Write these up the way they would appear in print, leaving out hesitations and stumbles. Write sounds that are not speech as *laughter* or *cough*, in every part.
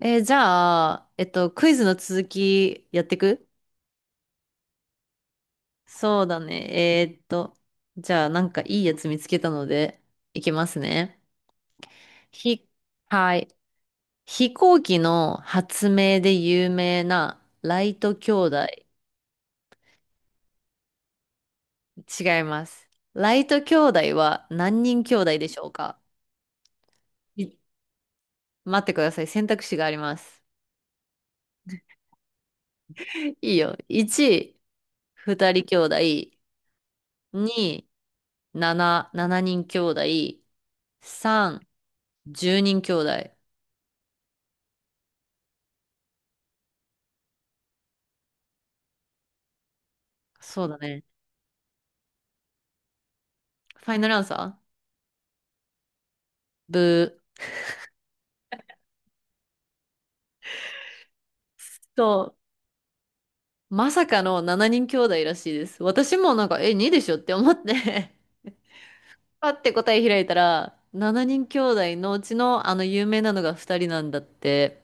じゃあ、クイズの続きやってく。そうだね。えーっと、じゃあ、なんかいいやつ見つけたので、いきますね。ひ、はい。飛行機の発明で有名なライト兄弟。違います。ライト兄弟は何人兄弟でしょうか？い待ってください。選択肢があります。*laughs* いいよ。1、2人兄弟。2、7人兄弟。3、10人兄弟。そうだね。ファイナルアンサー。ブー。そう。まさかの7人兄弟らしいです。私もなんか、2でしょって思って *laughs* パッて答え開いたら、7人兄弟のうちのあの有名なのが2人なんだって。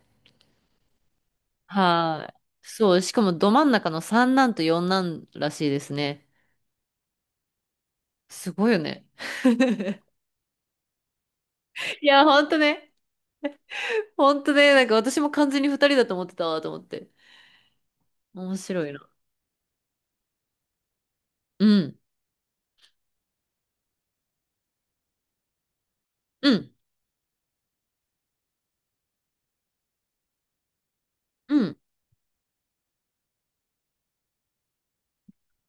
はい。そう。しかもど真ん中の三男と四男らしいですね。すごいよね。いや、ほんとね。ほんとね。なんか私も完全に2人だと思ってたわ、と思って。面白いな。うん。うん。うん。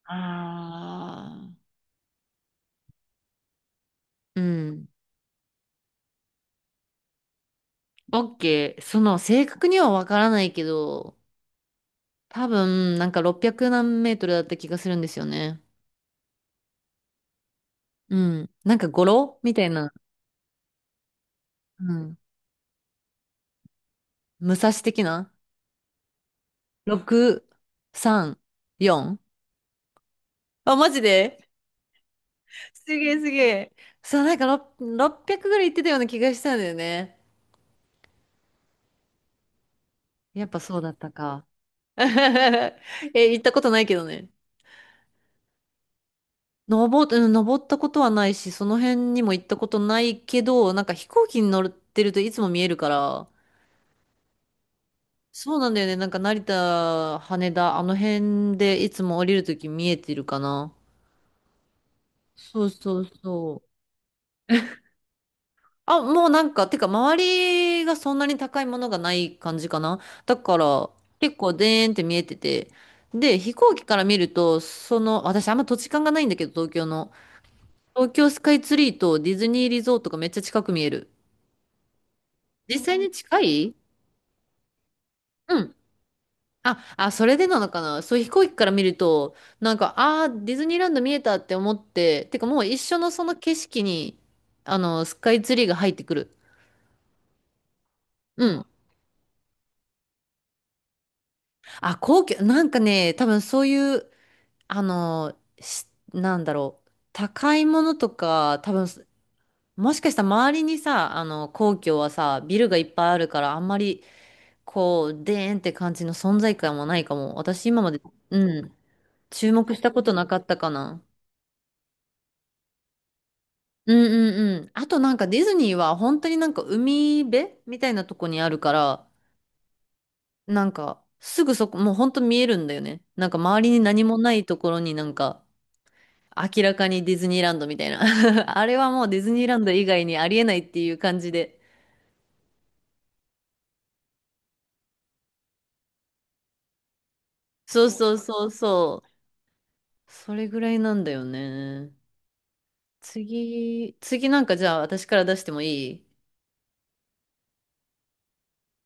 ああ。うん。オッケー。その、正確にはわからないけど、多分、なんか600何メートルだった気がするんですよね。うん。なんか語呂みたいな。うん。武蔵的な？ 6、3、4？ あ、マジで *laughs* すげえすげえ。そう、なんか6 600ぐらい行ってたような気がしたんだよね。やっぱそうだったか。*laughs* 行ったことないけどね。うん、登ったことはないし、その辺にも行ったことないけど、なんか飛行機に乗ってるといつも見えるから、そうなんだよね。なんか成田、羽田、あの辺でいつも降りるとき見えてるかな。そうそうそう。あ、もうなんか、てか周りがそんなに高いものがない感じかな。だから、結構でーんって見えてて。で、飛行機から見ると、その、私あんま土地勘がないんだけど、東京の。東京スカイツリーとディズニーリゾートがめっちゃ近く見える。実際に近い。うん。あ、あ、それでなのかな。そう、飛行機から見ると、なんか、ああ、ディズニーランド見えたって思って、てかもう一緒のその景色に、あの、スカイツリーが入ってくる。うん。あ、皇居、なんかね、多分そういう、あの、なんだろう、高いものとか、多分、もしかしたら周りにさ、あの、皇居はさ、ビルがいっぱいあるから、あんまり、こう、でーんって感じの存在感もないかも。私今まで、うん。注目したことなかったかな。うんうんうん。あとなんかディズニーは本当になんか海辺みたいなとこにあるから、なんかすぐそこ、もう本当見えるんだよね。なんか周りに何もないところになんか明らかにディズニーランドみたいな。*laughs* あれはもうディズニーランド以外にありえないっていう感じで。そうそうそうそう。それぐらいなんだよね。次なんかじゃあ私から出してもいい？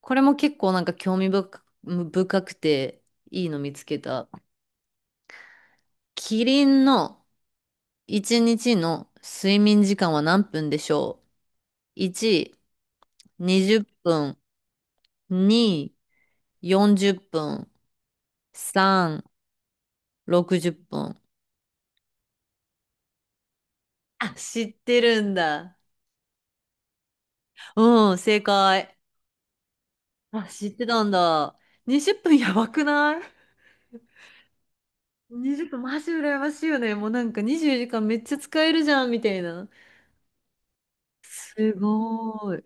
これも結構なんか興味深く深くていいの見つけた。キリンの1日の睡眠時間は何分でしょう？ 1、20分。2、40分。3、60分。あ、知ってるんだ。うん、正解。あ、知ってたんだ。20分やばくない？ 20 分マジ羨ましいよね。もうなんか24時間めっちゃ使えるじゃん、みたいな。すごい。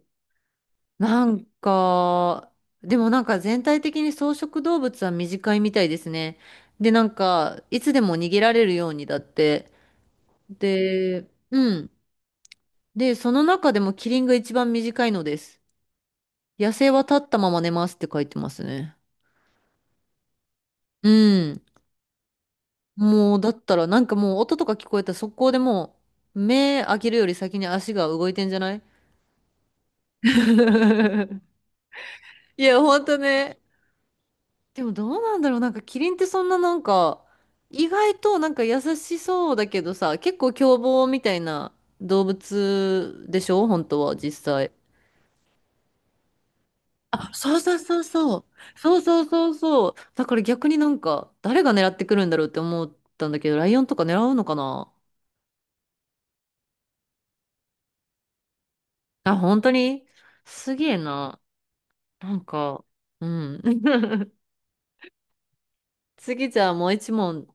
なんか、でもなんか全体的に草食動物は短いみたいですね。で、なんか、いつでも逃げられるようにだって。で、うん。で、その中でもキリンが一番短いのです。野生は立ったまま寝ますって書いてますね。うん。もう、だったら、なんかもう音とか聞こえたら速攻でもう、目開けるより先に足が動いてんじゃない？ *laughs* いや、ほんとね。でもどうなんだろう、なんかキリンってそんななんか、意外となんか優しそうだけどさ、結構凶暴みたいな動物でしょ、本当は実際。あ、そうそうそうそう。そうそうそうそう。だから逆になんか誰が狙ってくるんだろうって思ったんだけど、ライオンとか狙うのかな？あ、本当に、すげえな。なんか、うん。*laughs* 次じゃあもう一問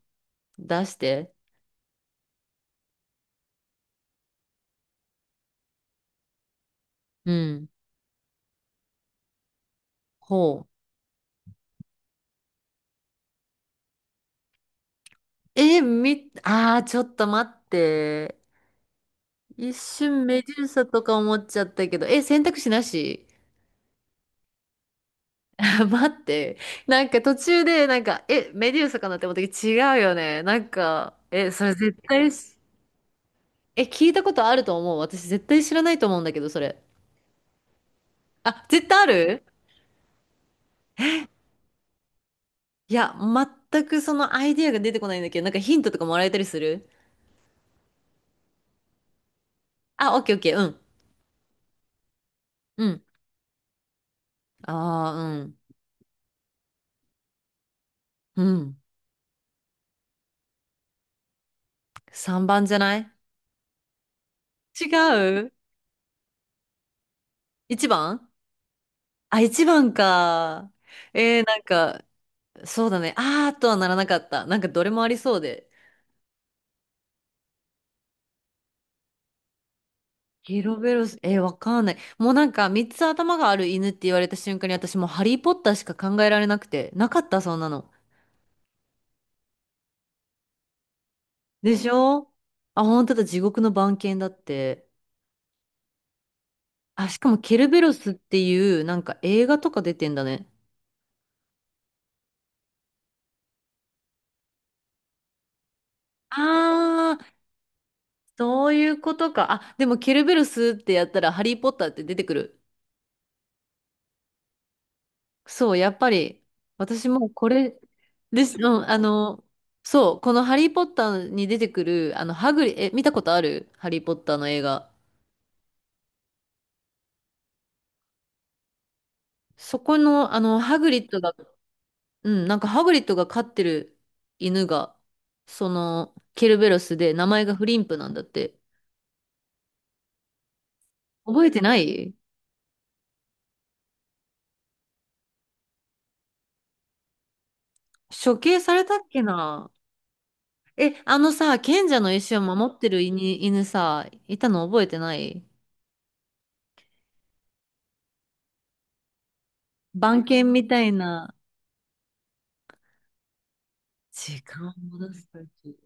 出して。うん。ほう。ああ、ちょっと待って。一瞬メデューサとか思っちゃったけど、選択肢なし？ *laughs* 待って。なんか途中で、なんか、メデューサかなって思ったけど、違うよね。なんか、それ絶対聞いたことあると思う。私絶対知らないと思うんだけど、それ。あ、絶対ある。いや、全くそのアイディアが出てこないんだけど、なんかヒントとかもらえたりする？あ、オッケーオッケー、うん。うん。ああ、うん。うん。3番じゃない？違う？ 1 番？あ、一番か。なんか、そうだね。あーとはならなかった。なんかどれもありそうで。ケロベロス、わかんない。もうなんか、三つ頭がある犬って言われた瞬間に私もうハリーポッターしか考えられなくて。なかった、そんなの。でしょ？あ、本当だ、地獄の番犬だって。あ、しかもケルベロスっていう、なんか映画とか出てんだね。あー、そういうことか。あ、でもケルベロスってやったらハリーポッターって出てくる。そう、やっぱり、私もこれです。うん、あの、そう、このハリー・ポッターに出てくる、あの、ハグリ、え、見たことあるハリー・ポッターの映画。そこの、あの、ハグリッドが、うん、なんかハグリッドが飼ってる犬が、その、ケルベロスで、名前がフリンプなんだって。覚えてない？処刑されたっけな？え、あのさ、賢者の石を守ってる犬、さ、いたの覚えてない？番犬みたいな。時間を戻すとき。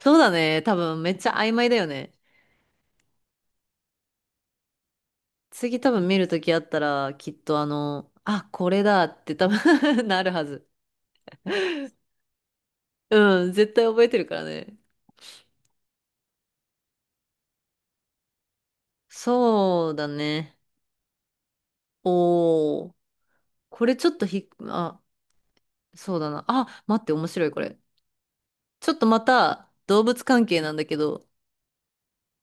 そうだね。多分めっちゃ曖昧だよね。次多分見るときあったら、きっとあの、あ、これだって多分 *laughs* なるはず。うん、絶対覚えてるからね。そうだね。おー。これちょっとあ、そうだな。あ、待って、面白いこれ。ちょっとまた動物関係なんだけど、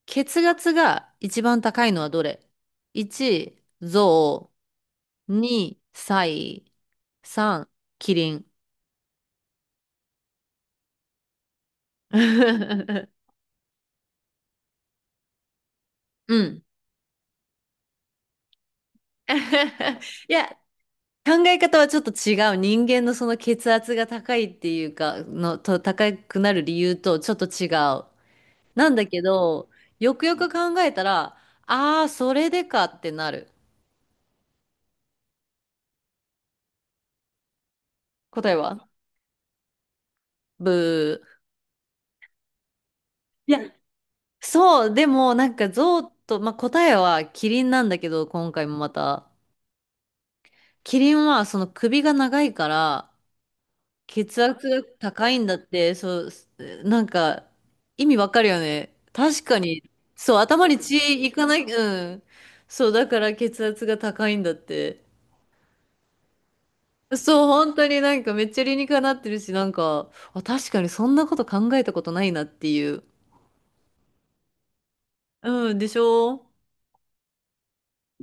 血圧が一番高いのはどれ？ 1、ゾウ。2、サイ。3、キリン。*laughs* うん。*laughs* いや、考え方はちょっと違う。人間のその血圧が高いっていうか、高くなる理由とちょっと違う。なんだけど、よくよく考えたら、ああ、それでかってなる。答えは？ブー。いや、そう、でもなんか象と、まあ、答えはキリンなんだけど、今回もまた。キリンはその首が長いから、血圧が高いんだって、そう、なんか、意味わかるよね。確かに、そう、頭に血いかない、うん。そう、だから血圧が高いんだって。そう、本当になんかめっちゃ理にかなってるし、なんか、あ、確かにそんなこと考えたことないなっていう。うん、でしょ？